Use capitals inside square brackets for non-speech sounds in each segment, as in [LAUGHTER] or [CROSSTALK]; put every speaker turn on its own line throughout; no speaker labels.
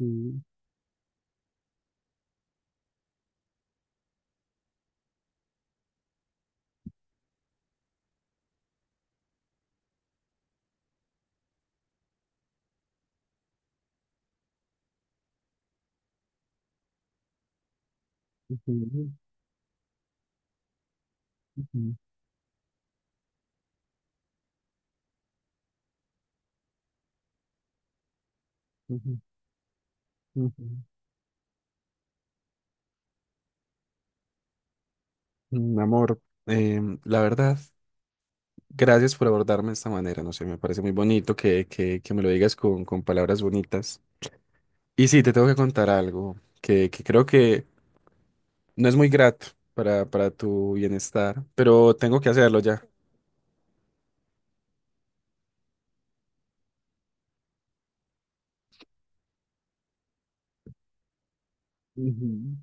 Mm, ujú, ujú, ujú, ujú. Amor, la verdad, gracias por abordarme de esta manera. No sé, me parece muy bonito que me lo digas con palabras bonitas. Y sí, te tengo que contar algo que creo que no es muy grato para tu bienestar, pero tengo que hacerlo ya. Ujú.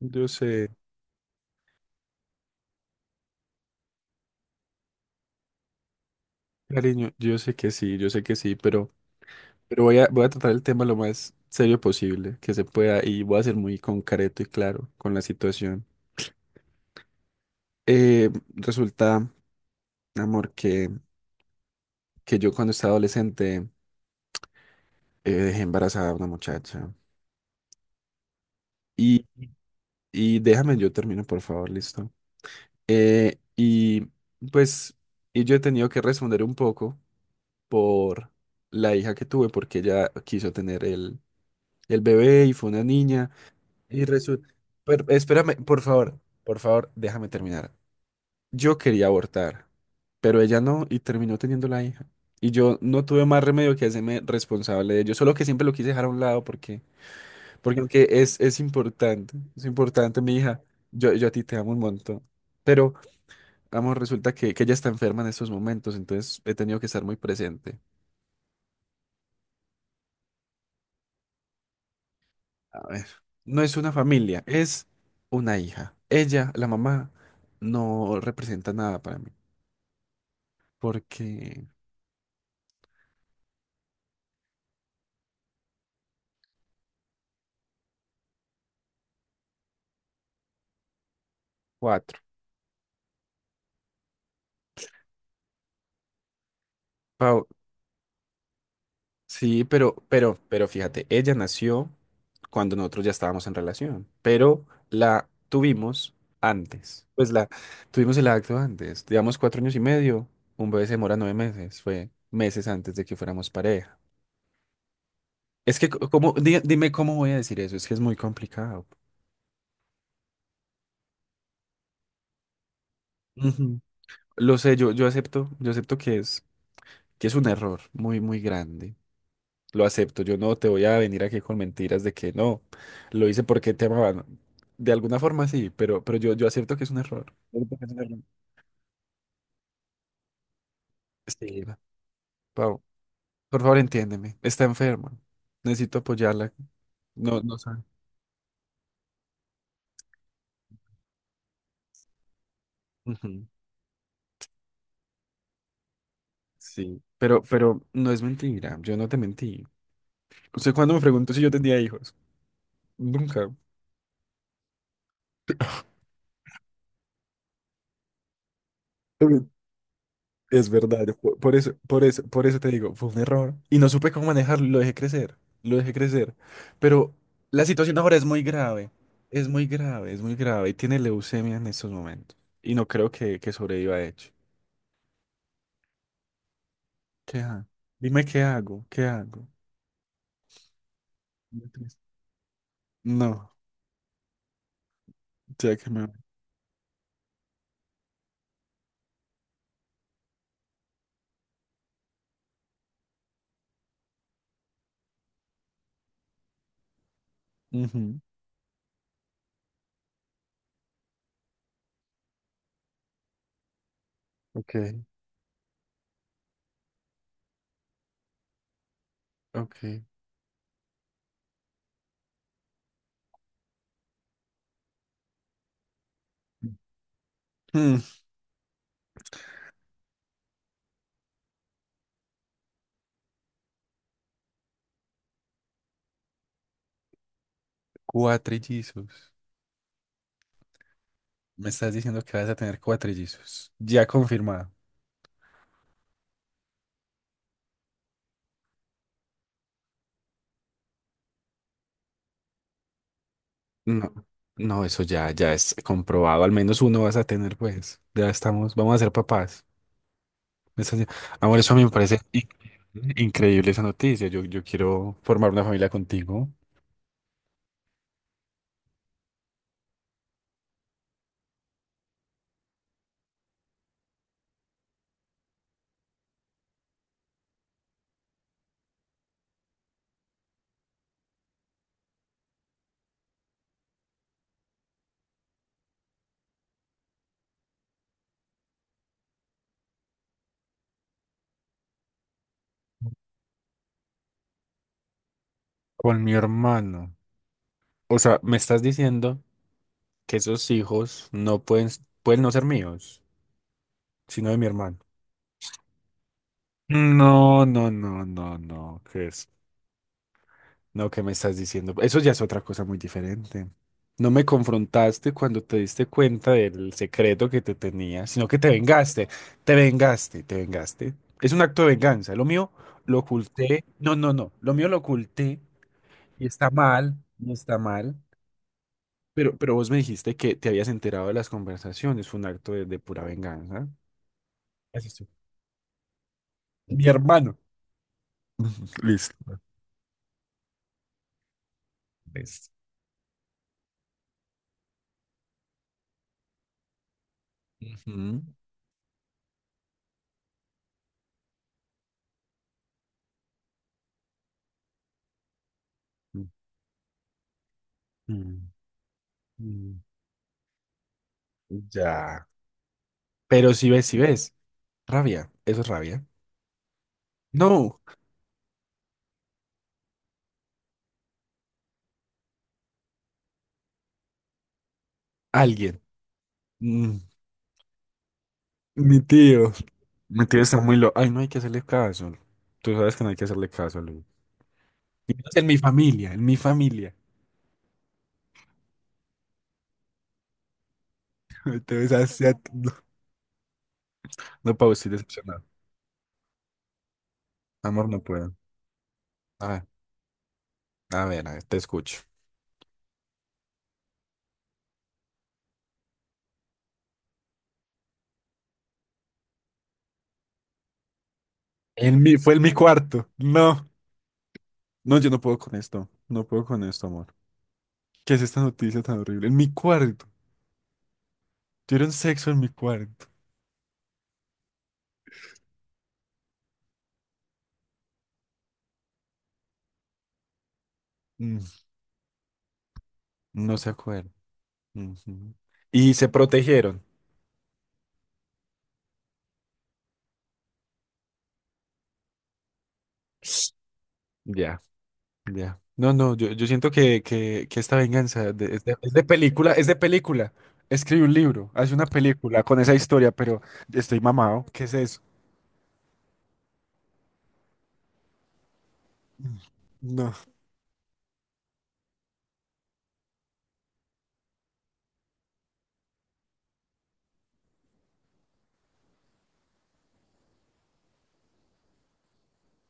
Yo sé, cariño, yo sé que sí, yo sé que sí, pero voy a tratar el tema lo más serio posible que se pueda y voy a ser muy concreto y claro con la situación. Eh, Resulta, amor, que yo cuando estaba adolescente dejé embarazada a una muchacha. Y, y déjame, yo termino, por favor, listo. Y pues, y yo he tenido que responder un poco por la hija que tuve, porque ella quiso tener el bebé y fue una niña. Y resulta, espérame, por favor, déjame terminar. Yo quería abortar, pero ella no y terminó teniendo la hija. Y yo no tuve más remedio que hacerme responsable de ello, solo que siempre lo quise dejar a un lado porque aunque es importante, es importante mi hija, yo a ti te amo un montón. Pero, vamos resulta que ella está enferma en estos momentos, entonces he tenido que estar muy presente. A ver, no es una familia, es una hija. Ella, la mamá, no representa nada para mí, porque... Cuatro. Pau, sí, pero fíjate, ella nació cuando nosotros ya estábamos en relación, pero la tuvimos antes. Pues la tuvimos el acto antes, digamos 4 años y medio, un bebé se demora 9 meses, fue meses antes de que fuéramos pareja. Es que, como, dime cómo voy a decir eso, es que es muy complicado. Ujú. Lo sé, yo acepto que es un error muy, muy grande. Lo acepto. Yo no te voy a venir aquí con mentiras de que no, lo hice porque te amaban. De alguna forma sí, pero yo acepto que es un error. Acepto que es un error. Sí, va. Pau, por favor, entiéndeme. Está enferma. Necesito apoyarla. No, no sabe. Ujú. Sí, pero no es mentira. Yo no te mentí. ¿Usted cuándo me preguntó si yo tenía hijos? Nunca. Es verdad, por eso, por eso, por eso te digo, fue un error y no supe cómo manejarlo, lo dejé crecer, lo dejé crecer. Pero la situación ahora es muy grave, es muy grave, es muy grave y tiene leucemia en estos momentos y no creo que sobreviva a hecho. ¿Qué hago? Dime qué hago, qué hago. Muy triste. No, ya que me... Ujú. Ok, ok. Mm, Cuatrillizos. Me estás diciendo que vas a tener cuatrillizos. Ya confirmado. No, no, eso ya es comprobado. Al menos uno vas a tener, pues. Ya estamos, vamos a ser papás. Eso ya- Amor, eso a mí me parece increíble esa noticia. Yo quiero formar una familia contigo, con mi hermano. O sea, me estás diciendo que esos hijos pueden no ser míos, sino de mi hermano. No, no, no, no, no. ¿Qué es? No, ¿qué me estás diciendo? Eso ya es otra cosa muy diferente. No me confrontaste cuando te diste cuenta del secreto que te tenía, sino que te vengaste, te vengaste, te vengaste. Es un acto de venganza. Lo mío lo oculté. No, no, no. Lo mío lo oculté y está mal, no está mal. Pero vos me dijiste que te habías enterado de las conversaciones. Fue un acto de pura venganza. Así es. Mi hermano. Listo. Listo. Ujú. Ujú. Mm. Ya. Pero si ves, si ves. Rabia, eso es rabia. No, alguien. Mm, Mi tío. Mi tío está muy loco. Ay, no hay que hacerle caso. Tú sabes que no hay que hacerle caso, Luis. Y menos en mi familia, en mi familia. [LAUGHS] Entonces, hacia... no, no, Pau, estoy decepcionado. Amor, no puedo. A ver, a ver, a ver, te escucho. Fue en mi cuarto. No, no, yo no puedo con esto. No puedo con esto, amor. ¿Qué es esta noticia tan horrible? En mi cuarto. Tuvieron sexo en mi cuarto. Mm, no se acuerdan. Ujú. Y se protegieron. Ya, ya. No, no, yo siento que esta venganza es de película, es de película. Escribe un libro, hace una película con esa historia, pero estoy mamado. ¿Qué es eso? No.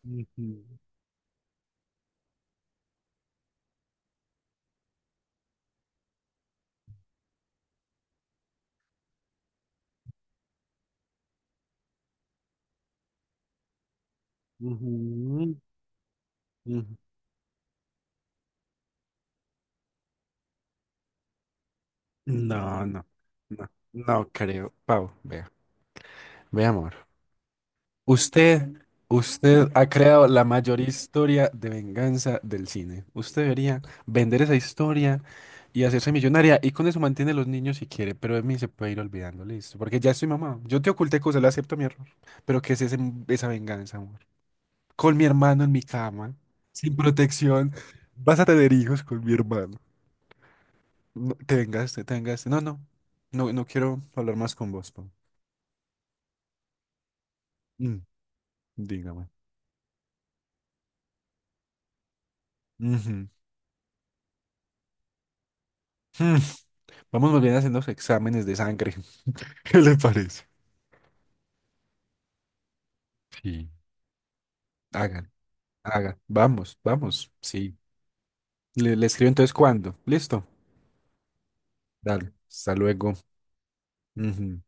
Ujú, ujú, ujú. No, no, no, no creo. Pau, vea. Ve, amor. Usted, usted ha creado la mayor historia de venganza del cine. Usted debería vender esa historia y hacerse millonaria y con eso mantiene a los niños si quiere, pero de mí se puede ir olvidando, listo. Porque ya estoy mamá. Yo te oculté cosas, le acepto mi error. Pero ¿qué es esa venganza, amor? Con mi hermano en mi cama, sin protección. Vas a tener hijos con mi hermano. No, te vengaste, te vengaste. No, no, no, no quiero hablar más con vos, pa. Mm, Dígame. Ujú. [LAUGHS] Vamos más bien haciendo exámenes de sangre. [LAUGHS] ¿Qué le parece? Sí. Hagan, hagan. Vamos, vamos. Sí. Le escribo entonces cuándo. Listo. Dale. Hasta luego. Ujú.